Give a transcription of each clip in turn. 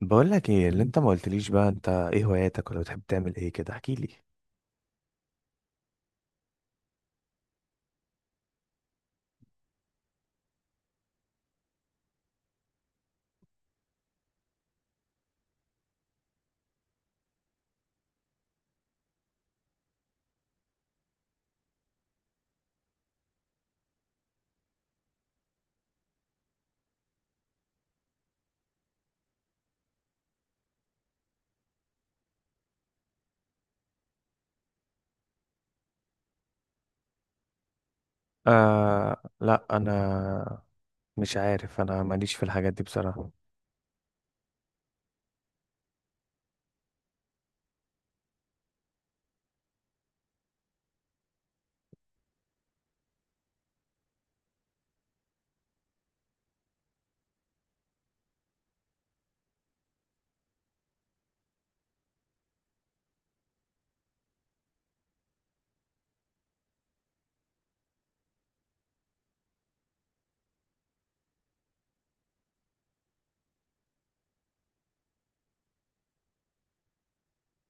بقول لك ايه اللي انت ما قلتليش بقى، انت ايه هواياتك، ولا بتحب تعمل ايه كده؟ احكي لي. آه لا، انا مش عارف، انا ماليش في الحاجات دي بصراحة.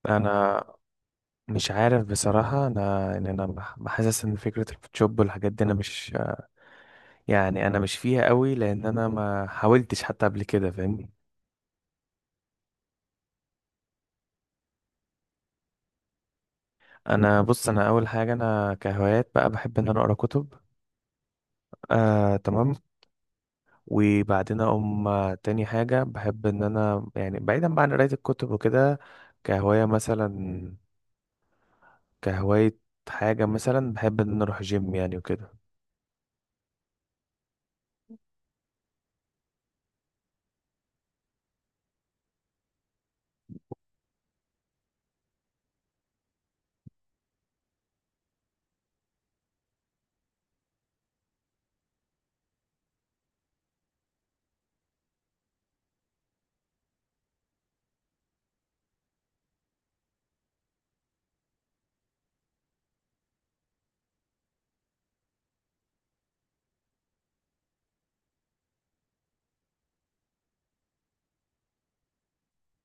انا مش عارف بصراحة، انا ان انا بحسس ان فكرة الفوتوشوب والحاجات دي انا مش، يعني انا مش فيها قوي، لان انا ما حاولتش حتى قبل كده، فاهمني. انا بص، انا اول حاجة انا كهوايات بقى بحب ان انا اقرا كتب. آه تمام. وبعدين اقوم تاني حاجة بحب ان انا يعني بعيدا بقى عن قراية الكتب وكده، كهواية مثلا، كهواية، حاجة مثلا بحب ان انا اروح جيم يعني وكده.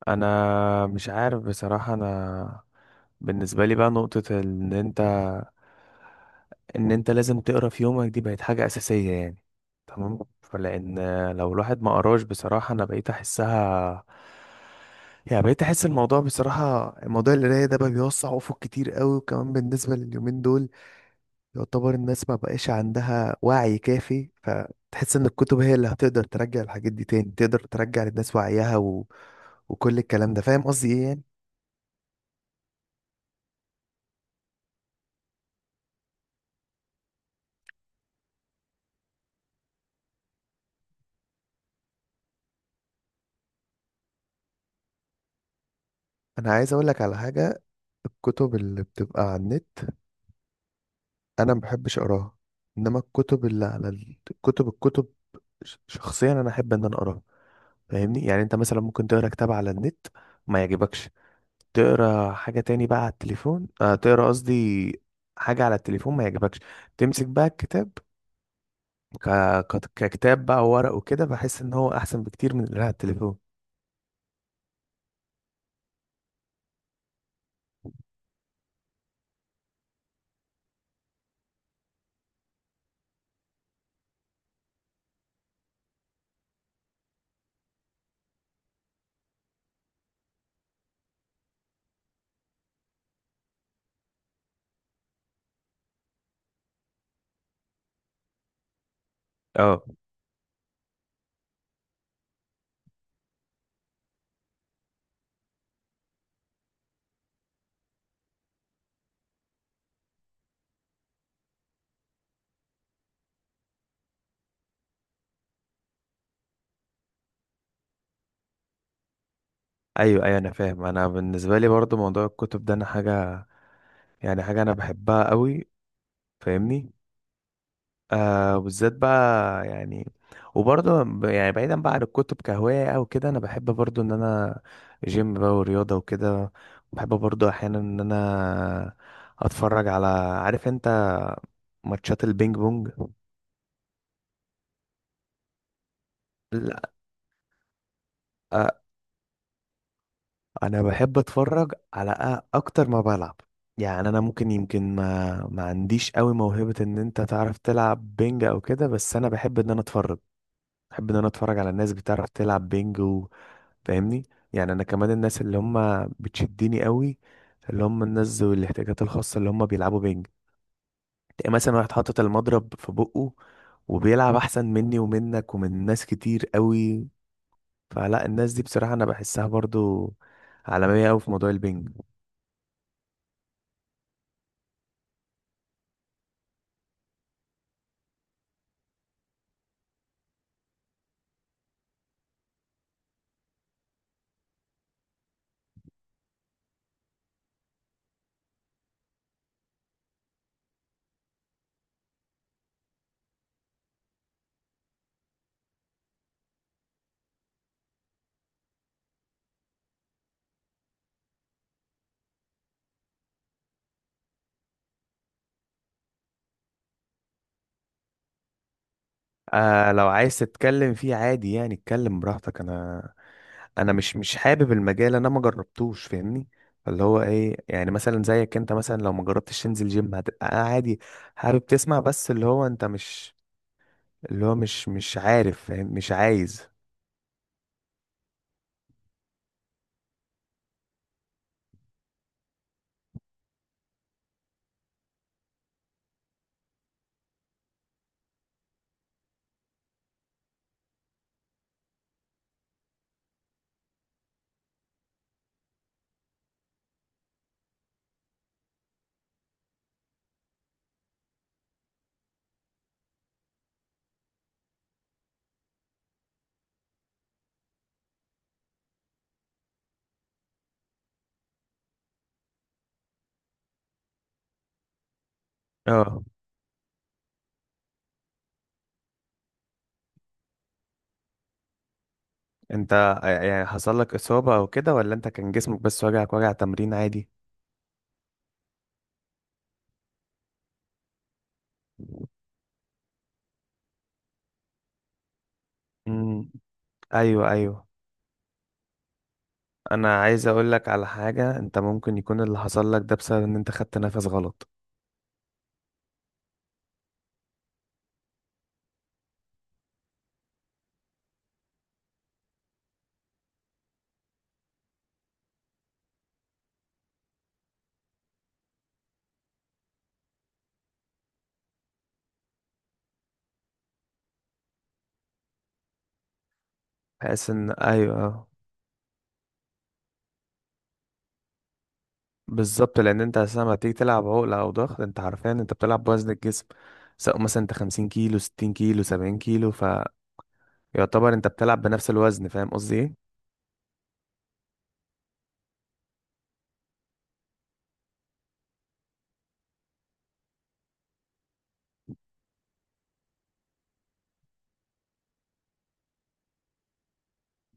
انا مش عارف بصراحة، انا بالنسبة لي بقى نقطة ان انت لازم تقرا في يومك، دي بقت حاجة اساسية يعني. تمام، فلان لو الواحد ما قراش بصراحة انا بقيت احسها، يعني بقيت احس الموضوع، بصراحة موضوع القراية ده بقى بيوسع افق كتير قوي، وكمان بالنسبة لليومين دول، يعتبر الناس ما بقاش عندها وعي كافي، فتحس ان الكتب هي اللي هتقدر ترجع الحاجات دي تاني، تقدر ترجع للناس وعيها وكل الكلام ده، فاهم قصدي ايه يعني؟ انا عايز اقول لك على حاجة. الكتب اللي بتبقى على النت انا ما بحبش اقراها، انما الكتب اللي على الكتب، شخصيا انا احب ان انا اقراها، فاهمني. يعني انت مثلا ممكن تقرا كتاب على النت ما يعجبكش، تقرا حاجة تاني بقى على التليفون، تقرا قصدي حاجة على التليفون ما يعجبكش، تمسك بقى الكتاب ك... ككتاب بقى وورق وكده، بحس ان هو احسن بكتير من اللي على التليفون. اه، ايوه ايوه، انا فاهم. انا بالنسبه لي برضو موضوع الكتب ده انا حاجه، يعني حاجه انا بحبها قوي، فاهمني، بالذات بقى يعني. وبرضه يعني بعيدا بقى عن الكتب كهوايه او كده، انا بحب برضو ان انا جيم بقى ورياضه وكده. بحب برضو احيانا ان انا اتفرج على، عارف انت، ماتشات البينج بونج. لا، انا بحب اتفرج على اكتر ما بلعب. يعني انا ممكن يمكن ما عنديش قوي موهبة ان انت تعرف تلعب بينج او كده، بس انا بحب ان انا اتفرج، بحب ان انا اتفرج على الناس بتعرف تلعب بينج، وفاهمني. يعني انا كمان الناس اللي هم بتشدني قوي، اللي هم الناس ذوي الاحتياجات الخاصة اللي هم بيلعبوا بينج، تلاقي مثلا واحد حاطط المضرب في بقه وبيلعب احسن مني ومنك ومن ناس كتير قوي. فلا، الناس دي بصراحة انا بحسها برضو عالمية قوي في موضوع البينج. آه، لو عايز تتكلم فيه عادي، يعني اتكلم براحتك انا. انا مش حابب المجال، انا ما جربتوش، فاهمني. اللي هو ايه يعني، مثلا زيك انت مثلا، لو ما جربتش تنزل جيم هتبقى عادي، حابب تسمع بس، اللي هو انت مش، اللي هو مش عارف فاهم مش عايز. اه، انت يعني حصل لك اصابة او كده، ولا انت كان جسمك بس وجعك وجع تمرين عادي؟ امم، ايوه ايوه. انا عايز اقول لك على حاجة. انت ممكن يكون اللي حصل لك ده بسبب ان انت خدت نفس غلط، بحيث ان، ايوه. بالظبط، لان انت اساسا لما تيجي تلعب عقله او ضغط، انت حرفيا انت بتلعب بوزن الجسم، سواء مثلا انت 50 كيلو، 60 كيلو، 70 كيلو، فيعتبر انت بتلعب بنفس الوزن، فاهم قصدي ايه؟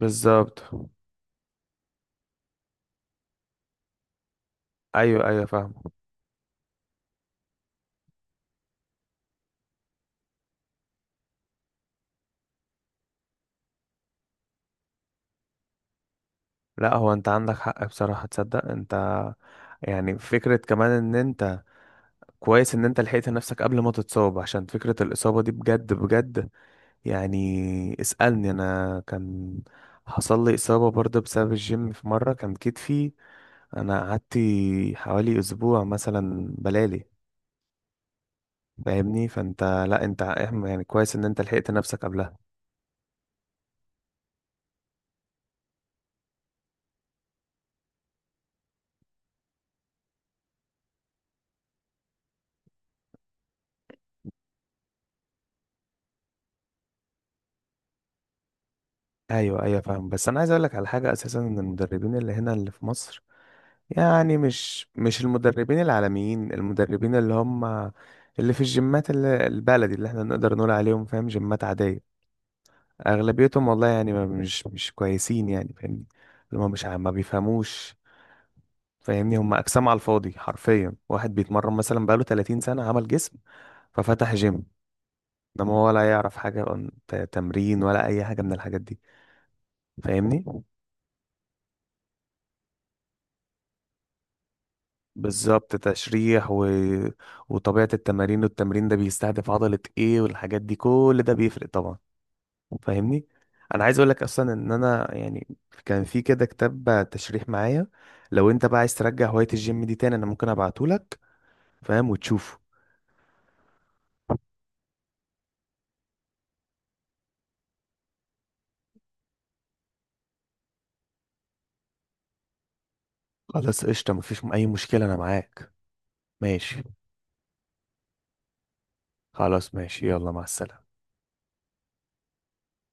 بالظبط. ايوه ايوه فاهم. لا هو انت عندك حق بصراحه، تصدق انت، يعني فكره كمان ان انت، كويس ان انت لحقت نفسك قبل ما تتصاب عشان فكره الاصابه دي بجد بجد. يعني اسالني انا، كان حصل لي اصابه برضه بسبب الجيم في مره، كان كتفي، انا قعدت حوالي اسبوع مثلا بلالي، فاهمني. فانت لا انت، احنا يعني كويس ان انت لحقت نفسك قبلها. ايوه ايوه فاهم. بس انا عايز اقول لك على حاجه، اساسا ان المدربين اللي هنا اللي في مصر، يعني مش المدربين العالميين، المدربين اللي هم اللي في الجيمات، اللي البلدي اللي احنا نقدر نقول عليهم فاهم جيمات عاديه، اغلبيتهم والله يعني ما مش كويسين يعني، فاهمني. اللي هم مش ما بيفهموش، فاهمني. هم اجسام على الفاضي، حرفيا واحد بيتمرن مثلا بقاله 30 سنه عمل جسم ففتح جيم، ده ما هو ولا يعرف حاجة عن تمرين ولا أي حاجة من الحاجات دي، فاهمني. بالظبط، تشريح وطبيعة التمارين، والتمرين ده بيستهدف عضلة ايه، والحاجات دي كل ده بيفرق طبعا، فاهمني. أنا عايز أقولك أصلا إن أنا يعني كان في كده كتاب تشريح معايا، لو أنت بقى عايز ترجع هواية الجيم دي تاني أنا ممكن أبعتهولك، فاهم وتشوفه. خلاص قشطة، مفيش أي مشكلة أنا معاك. ماشي. خلاص ماشي، يلا مع السلامة.